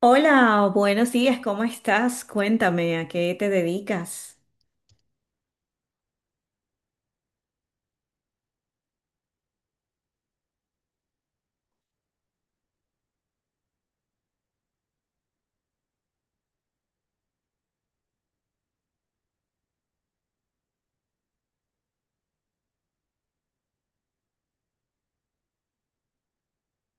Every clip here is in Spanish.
Hola, buenos días, ¿cómo estás? Cuéntame, ¿a qué te dedicas?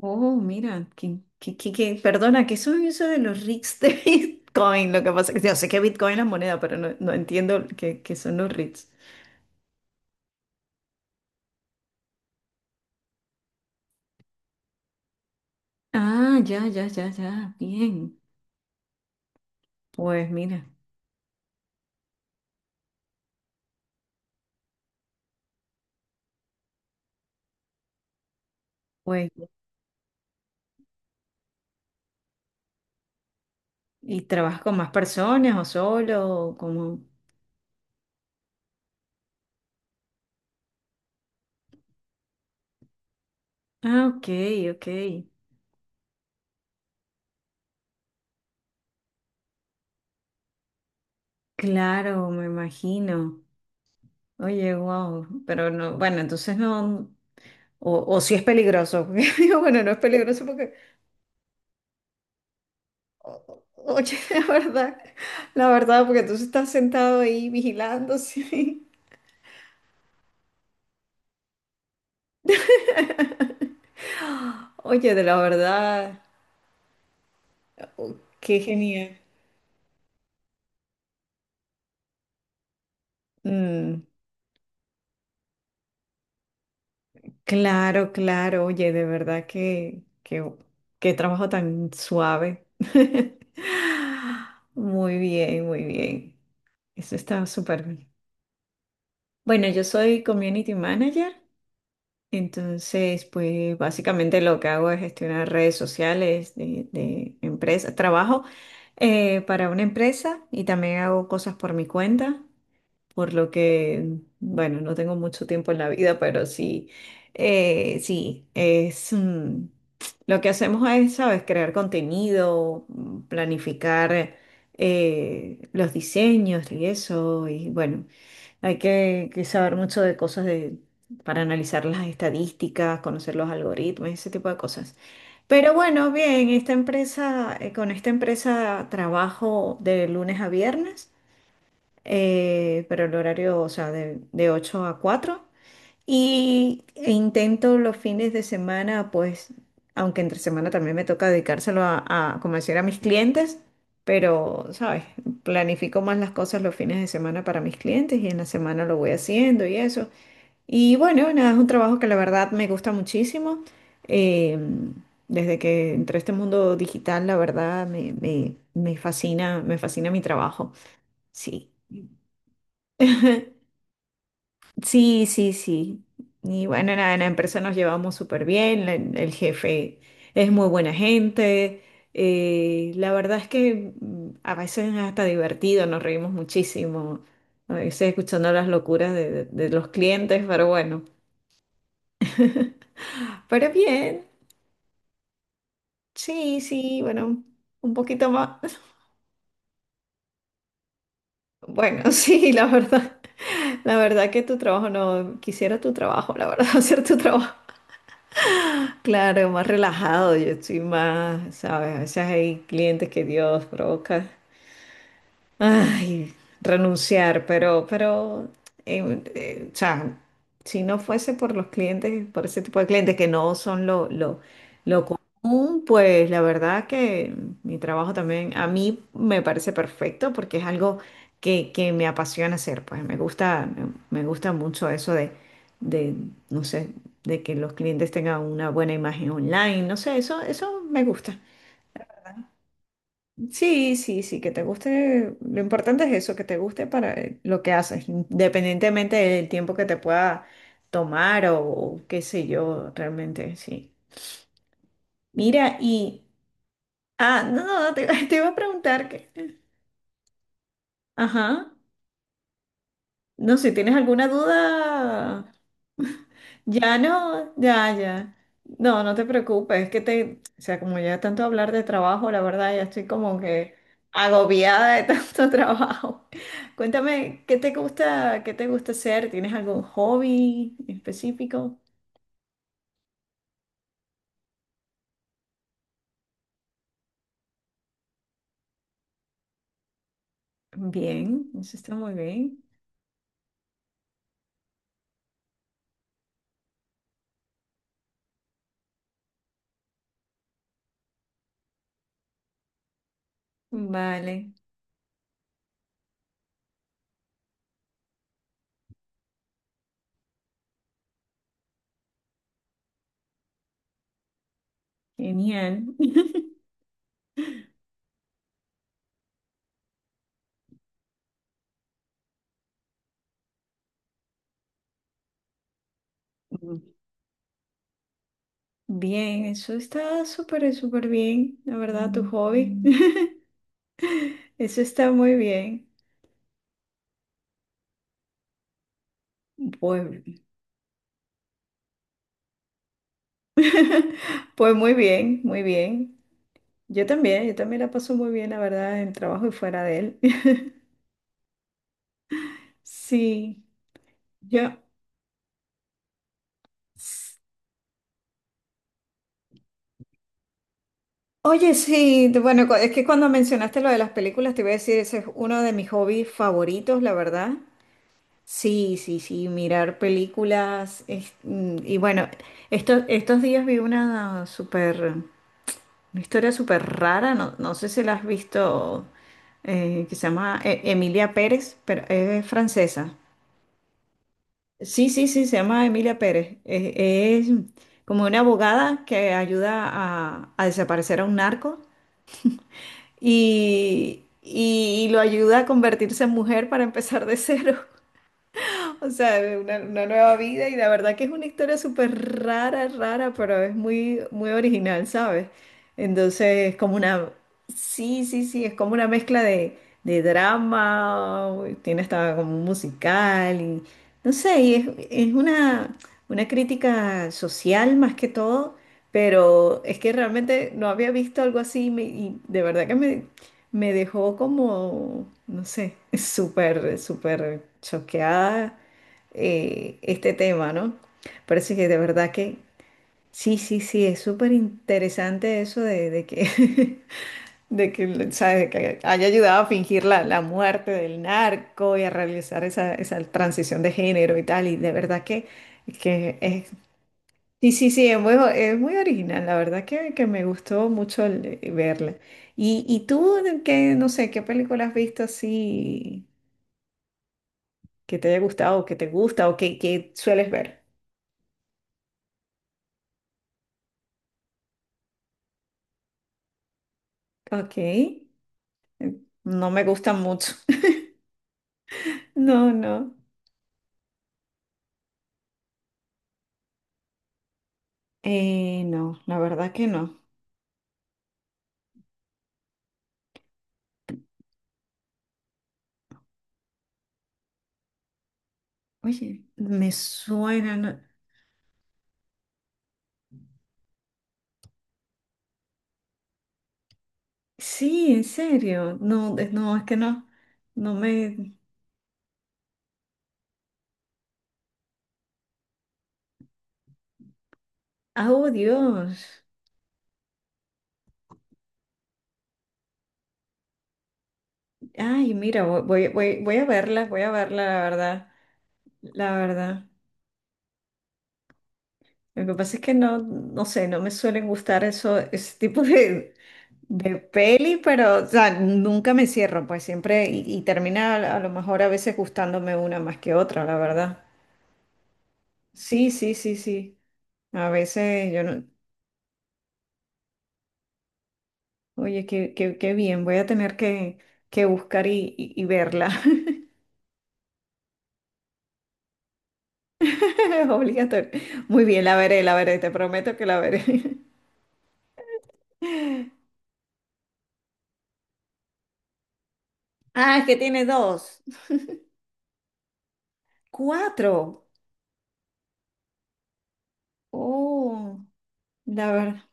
Oh, mira, perdona, ¿qué soy eso de los REITs de Bitcoin? Lo que pasa es que yo sé que Bitcoin es la moneda, pero no, no entiendo qué son los REITs. Ah, ya, ya, ya, ya, bien. Pues mira, pues, ¿y trabajas con más personas o solo? Como... Ah, ok, ok. Claro, me imagino. Oye, wow, pero no, bueno, entonces no. O si es peligroso. Porque digo, bueno, no es peligroso porque, o- oye, la verdad, porque tú estás sentado ahí vigilando, sí. Oye, de la verdad, oh, qué genial. Mm, claro, claro, oye, de verdad qué trabajo tan suave. Muy bien, muy bien. Eso está súper bien. Bueno, yo soy community manager. Entonces, pues básicamente lo que hago es gestionar redes sociales de empresa. Trabajo para una empresa y también hago cosas por mi cuenta por lo que, bueno, no tengo mucho tiempo en la vida, pero sí, sí, es lo que hacemos es, ¿sabes? Crear contenido, planificar los diseños y eso, y bueno, que saber mucho de cosas de, para analizar las estadísticas, conocer los algoritmos, ese tipo de cosas. Pero bueno, bien, esta empresa, con esta empresa trabajo de lunes a viernes pero el horario, o sea, de 8 a 4. Y e intento los fines de semana, pues, aunque entre semana también me toca dedicárselo a convencer a mis clientes, pero, ¿sabes? Planifico más las cosas los fines de semana para mis clientes y en la semana lo voy haciendo y eso. Y bueno, nada, es un trabajo que la verdad me gusta muchísimo. Eh, Desde que entré a este mundo digital, la verdad me fascina mi trabajo. Sí. Sí, sí, sí. Y bueno, nada, en la empresa nos llevamos súper bien, el jefe es muy buena gente. La verdad es que a veces es hasta divertido, nos reímos muchísimo, a veces escuchando las locuras de los clientes, pero bueno. Pero bien, sí, sí, bueno, un poquito más. Bueno, sí, la verdad que tu trabajo no, quisiera tu trabajo, la verdad, hacer tu trabajo. Claro, más relajado, yo estoy más, ¿sabes? A veces hay clientes que Dios provoca. Ay, renunciar, pero, o sea, si no fuese por los clientes, por ese tipo de clientes que no son lo común, pues la verdad que mi trabajo también a mí me parece perfecto porque es algo que me apasiona hacer, pues me gusta, me gusta mucho eso de, no sé, de que los clientes tengan una buena imagen online, no sé, eso me gusta. Sí, sí, sí, que te guste. Lo importante es eso, que te guste para lo que haces, independientemente del tiempo que te pueda tomar o qué sé yo, realmente, sí. Mira, y... Ah, no, no, no, te, te iba a preguntar que... Ajá. No sé, ¿tienes alguna duda? Ya no, ya, ya. No, no te preocupes, es que te, o sea, como ya tanto hablar de trabajo, la verdad ya estoy como que agobiada de tanto trabajo. Cuéntame, qué te gusta hacer? ¿Tienes algún hobby específico? Bien, eso está muy bien. Vale, genial. Mm. Bien, eso está súper, súper bien, la verdad, tu hobby. Eso está muy bien. Pues, pues muy bien, muy bien. Yo también la paso muy bien, la verdad, en trabajo y fuera de él. Sí, yo. Oye, sí, de- bueno, cu- es que cuando mencionaste lo de las películas, te iba a decir, ese es uno de mis hobbies favoritos, la verdad. Sí, sí, sí, mirar películas. Es- y bueno, estos días vi una super una historia súper rara, no, no sé si la has visto, que se llama Emilia Pérez, pero es francesa. Sí, sí, sí, se llama Emilia Pérez. Es como una abogada que ayuda a desaparecer a un narco y lo ayuda a convertirse en mujer para empezar de cero. O sea, de una nueva vida y la verdad que es una historia súper rara, rara, pero es muy, muy original, ¿sabes? Entonces es como una, sí, sí, sí, es como una mezcla de drama, tiene hasta como un musical y no sé, es una crítica social más que todo, pero es que realmente no había visto algo así y me- y de verdad que me dejó como, no sé, súper, súper choqueada este tema, ¿no? Parece que de verdad que sí, sí, sí, es súper interesante eso de que, de que, ¿sabes? De que haya ayudado a fingir la, la muerte del narco y a realizar esa, esa transición de género y tal, y de verdad que es, sí, sí, sí, es muy original, la verdad que me gustó mucho el- verla. Y tú, qué, no sé, qué película has visto así que te haya gustado, o que te gusta, o que sueles ver? Ok. No me gusta mucho. No, no. No, la verdad que no. Oye, me suena. No- Sí, en serio. No, es- no, es que no. No me. Ah, Oh, Dios. Ay, mira, vo- voy, voy, voy a verla, la verdad. La verdad. Lo que pasa es que no, no sé, no me suelen gustar eso, ese tipo de peli, pero, o sea, nunca me cierro, pues siempre, y termina a lo mejor a veces gustándome una más que otra, la verdad. Sí, sí, sí, sí. A veces yo no. Oye, qué, qué, qué bien. Voy a tener que buscar y, y verla. Es obligatorio. Muy bien, la veré, la veré. Te prometo que la veré. Ah, es que tiene 2. Cuatro. Oh, la verdad.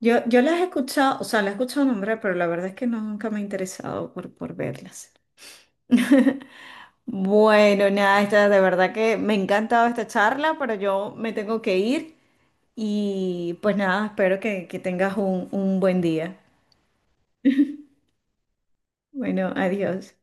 Yo las he escuchado, o sea, las he escuchado nombrar, pero la verdad es que no, nunca me he interesado por verlas. Bueno, nada, esta, de verdad que me ha encantado esta charla, pero yo me tengo que ir. Y pues nada, espero que tengas un buen día. Bueno, adiós.